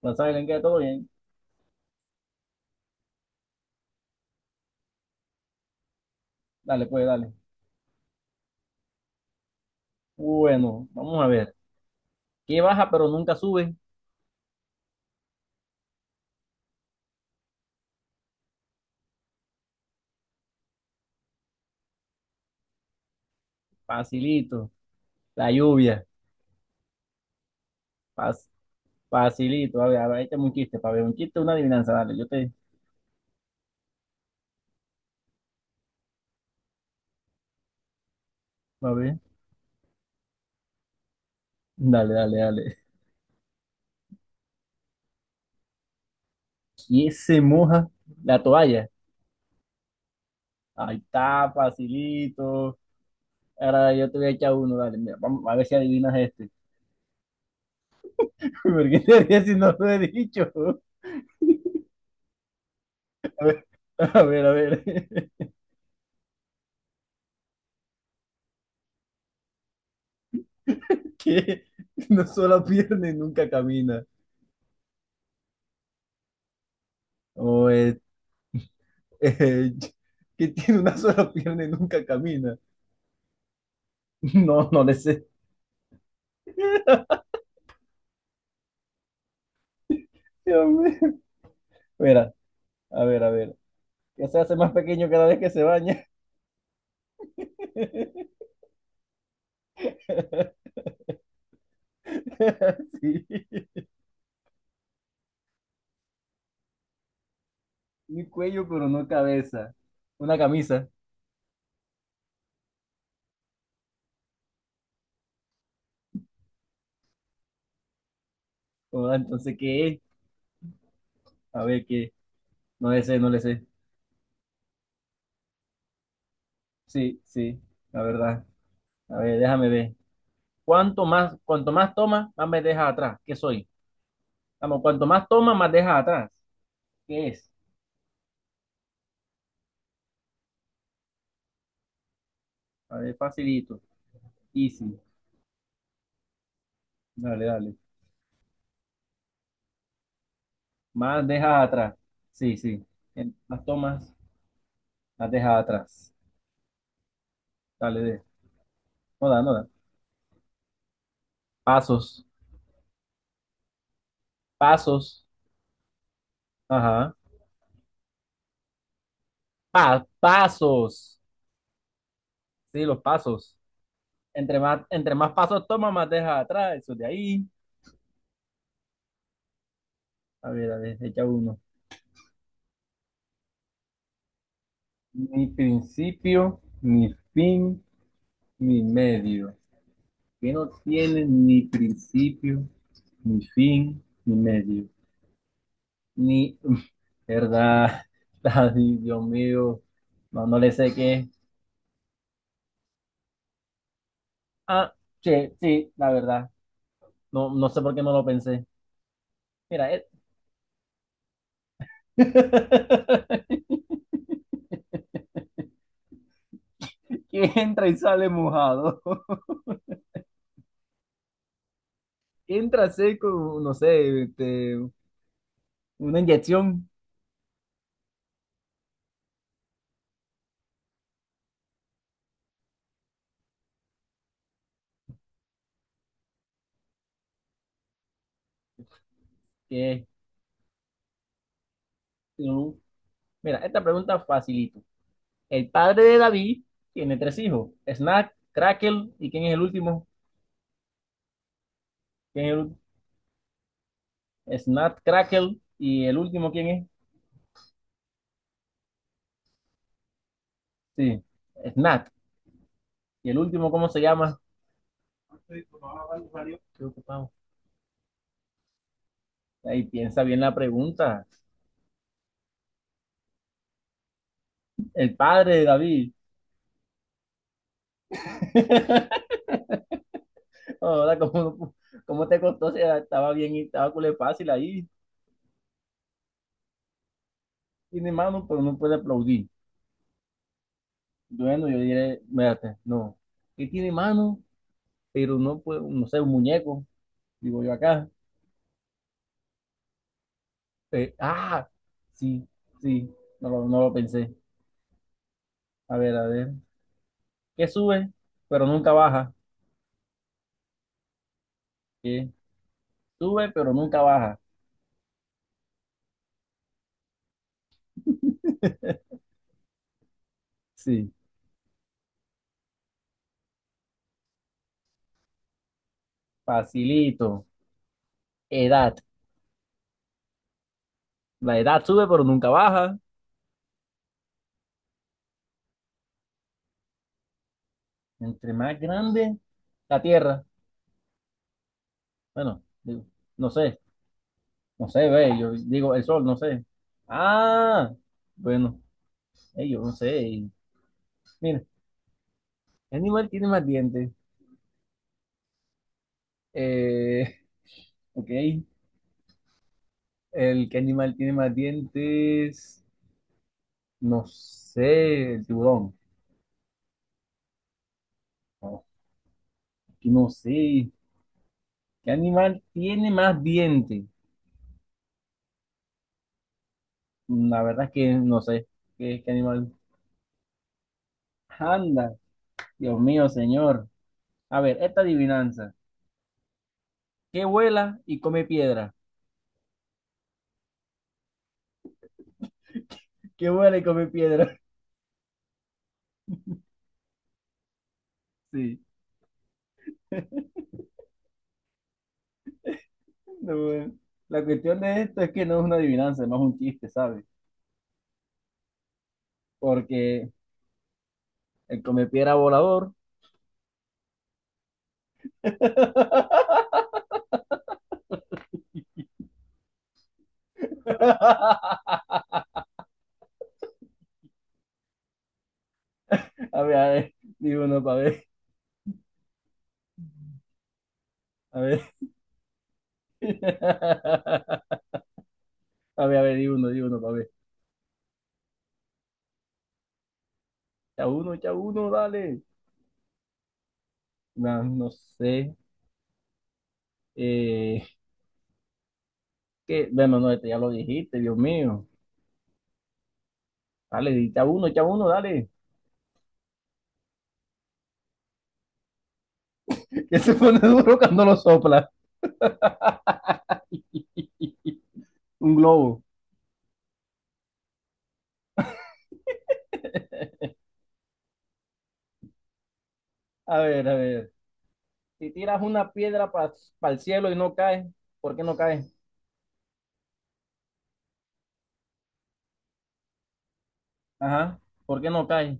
Hola, Silent, ¿qué? ¿Todo bien? Dale, pues, dale. Bueno, vamos a ver. ¿Qué baja pero nunca sube? Facilito. La lluvia. Fas- facilito. A ver, ahí tengo un chiste, para ver. Un chiste, una adivinanza, dale. Yo te... A ver. Dale, dale, dale. ¿Quién se moja la toalla? Ahí está, facilito. Ahora yo te voy a echar uno, dale. Mira, vamos a ver si adivinas este. ¿Por qué te ríes si no lo he dicho? A ver, a ver, a ver. ¿Qué? No solo pierde y nunca camina. O eh, que tiene una sola pierna y nunca camina. No, no le sé. Dios mío. Mira, a ver, a ver. Ya se hace más pequeño cada vez que se baña. Sí. Un cuello, pero no cabeza. Una camisa. Oh, entonces, ¿qué es? A ver, ¿qué? No le sé, no le sé. Sí, sí, la verdad. A ver, déjame ver. Cuanto más toma, más me deja atrás. ¿Qué soy? Vamos, cuanto más toma, más deja atrás. ¿Qué es? A ver, facilito. Easy. Dale, dale. Más dejas atrás. Sí, sí. Más tomas, más dejas atrás. Dale, de. No da. Pasos, pasos. Ajá. Pasos. Sí, los pasos. Entre más pasos tomas, más dejas atrás. Eso de ahí. A ver, echa uno. Ni principio, ni fin, ni medio. Que no tiene ni principio, ni fin, ni medio. Ni, verdad. Ay, Dios mío. No, no le sé qué. Ah, sí, sí, la verdad. No, no sé por qué no lo pensé. Mira, él. que entra y sale mojado. Entra seco, no sé, una inyección. Que, un- mira, esta pregunta facilito. El padre de David tiene tres hijos: Snack, Crackle, ¿y quién es el último? ¿Quién es el Snack, Crackle, ¿y el último quién es? Sí, Snack. ¿Y el último cómo se llama? Estoy ocupado, Mario. Estoy ocupado. Ahí piensa bien la pregunta. El padre de David. Ahora, cómo te costó. Si estaba bien y estaba culé fácil ahí. Tiene mano, pero no puede aplaudir. Bueno, yo diré, mírate, no. ¿Qué tiene mano? Pero no puede, no sé, un muñeco, digo yo acá. Eh, ah, sí, sí, no lo pensé. A ver, a ver. ¿Qué sube, pero nunca baja? ¿Qué sube, pero nunca baja? Sí, facilito. Edad. La edad sube, pero nunca baja. Entre más grande, la tierra. Bueno, digo, no sé, no sé, ve, yo digo el sol, no sé. Ah, bueno, yo no sé. Mira, ¿qué animal tiene más dientes? Eh, ok, el que animal tiene más dientes, no sé, el tiburón. No, aquí no sé. ¿Qué animal tiene más dientes? La verdad es que no sé. ¿ qué animal? Anda, Dios mío, señor. A ver, esta adivinanza. ¿Qué vuela y come piedra? ¿Qué vuela y come piedra? Sí. No, bueno. La cuestión de esto es que no es una adivinanza, no es más un chiste, ¿sabes? Porque el comepiedra volador. A ver, di uno para ver. A ver. A ver, di uno para ver. Ya uno, dale. No, no sé. Eh, bueno, no, este ya lo dijiste, Dios mío. Dale, di, ya uno, dale. Que se pone duro cuando lo sopla. Un globo. A ver, a ver. Si tiras una piedra para el cielo y no cae, ¿por qué no cae? Ajá, ¿por qué no cae?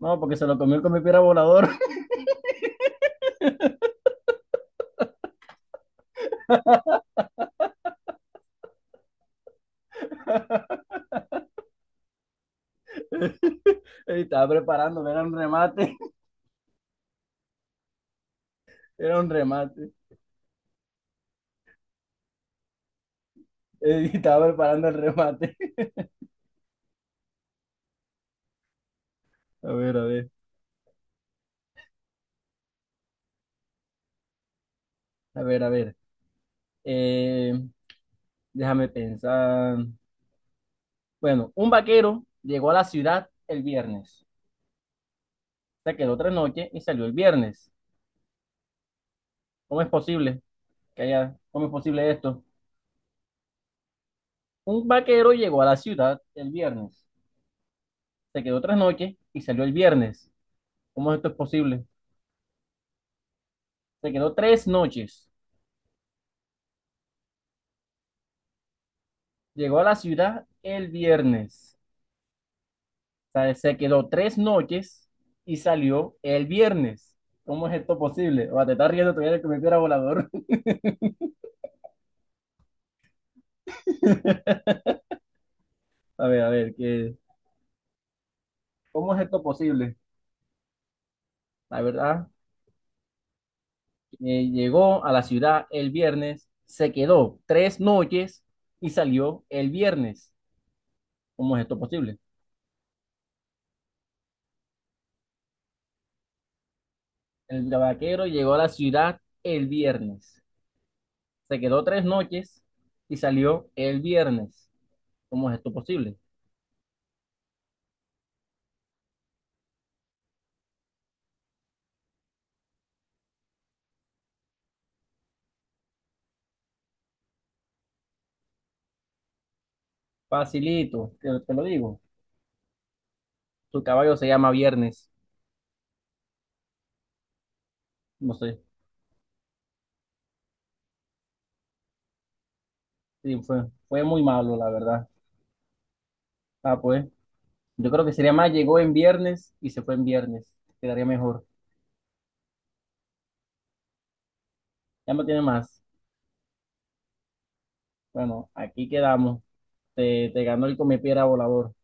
No, porque se lo comió con mi piedra volador. Y estaba preparando, era un remate, era un remate. Y estaba preparando el remate. A ver, a ver, a ver, a ver. Eh, déjame pensar. Bueno, un vaquero llegó a la ciudad el viernes. Se quedó tres noches y salió el viernes. ¿Cómo es posible que haya, cómo es posible esto? Un vaquero llegó a la ciudad el viernes. Se quedó tres noches y salió el viernes. ¿Cómo esto es posible? Se quedó tres noches. Llegó a la ciudad el viernes. O sea, se quedó tres noches y salió el viernes. ¿Cómo es esto posible? O sea, te estás riendo todavía de que me piedra volador. A ver, ¿qué? ¿Cómo es esto posible? La verdad, llegó a la ciudad el viernes, se quedó tres noches y salió el viernes. ¿Cómo es esto posible? El vaquero llegó a la ciudad el viernes. Se quedó tres noches y salió el viernes. ¿Cómo es esto posible? Facilito, te lo digo. Su caballo se llama Viernes. No sé. Sí, fue muy malo, la verdad. Ah, pues. Yo creo que sería más, llegó en viernes y se fue en viernes. Quedaría mejor. Ya no tiene más. Bueno, aquí quedamos. Te ganó el comepiedra volador.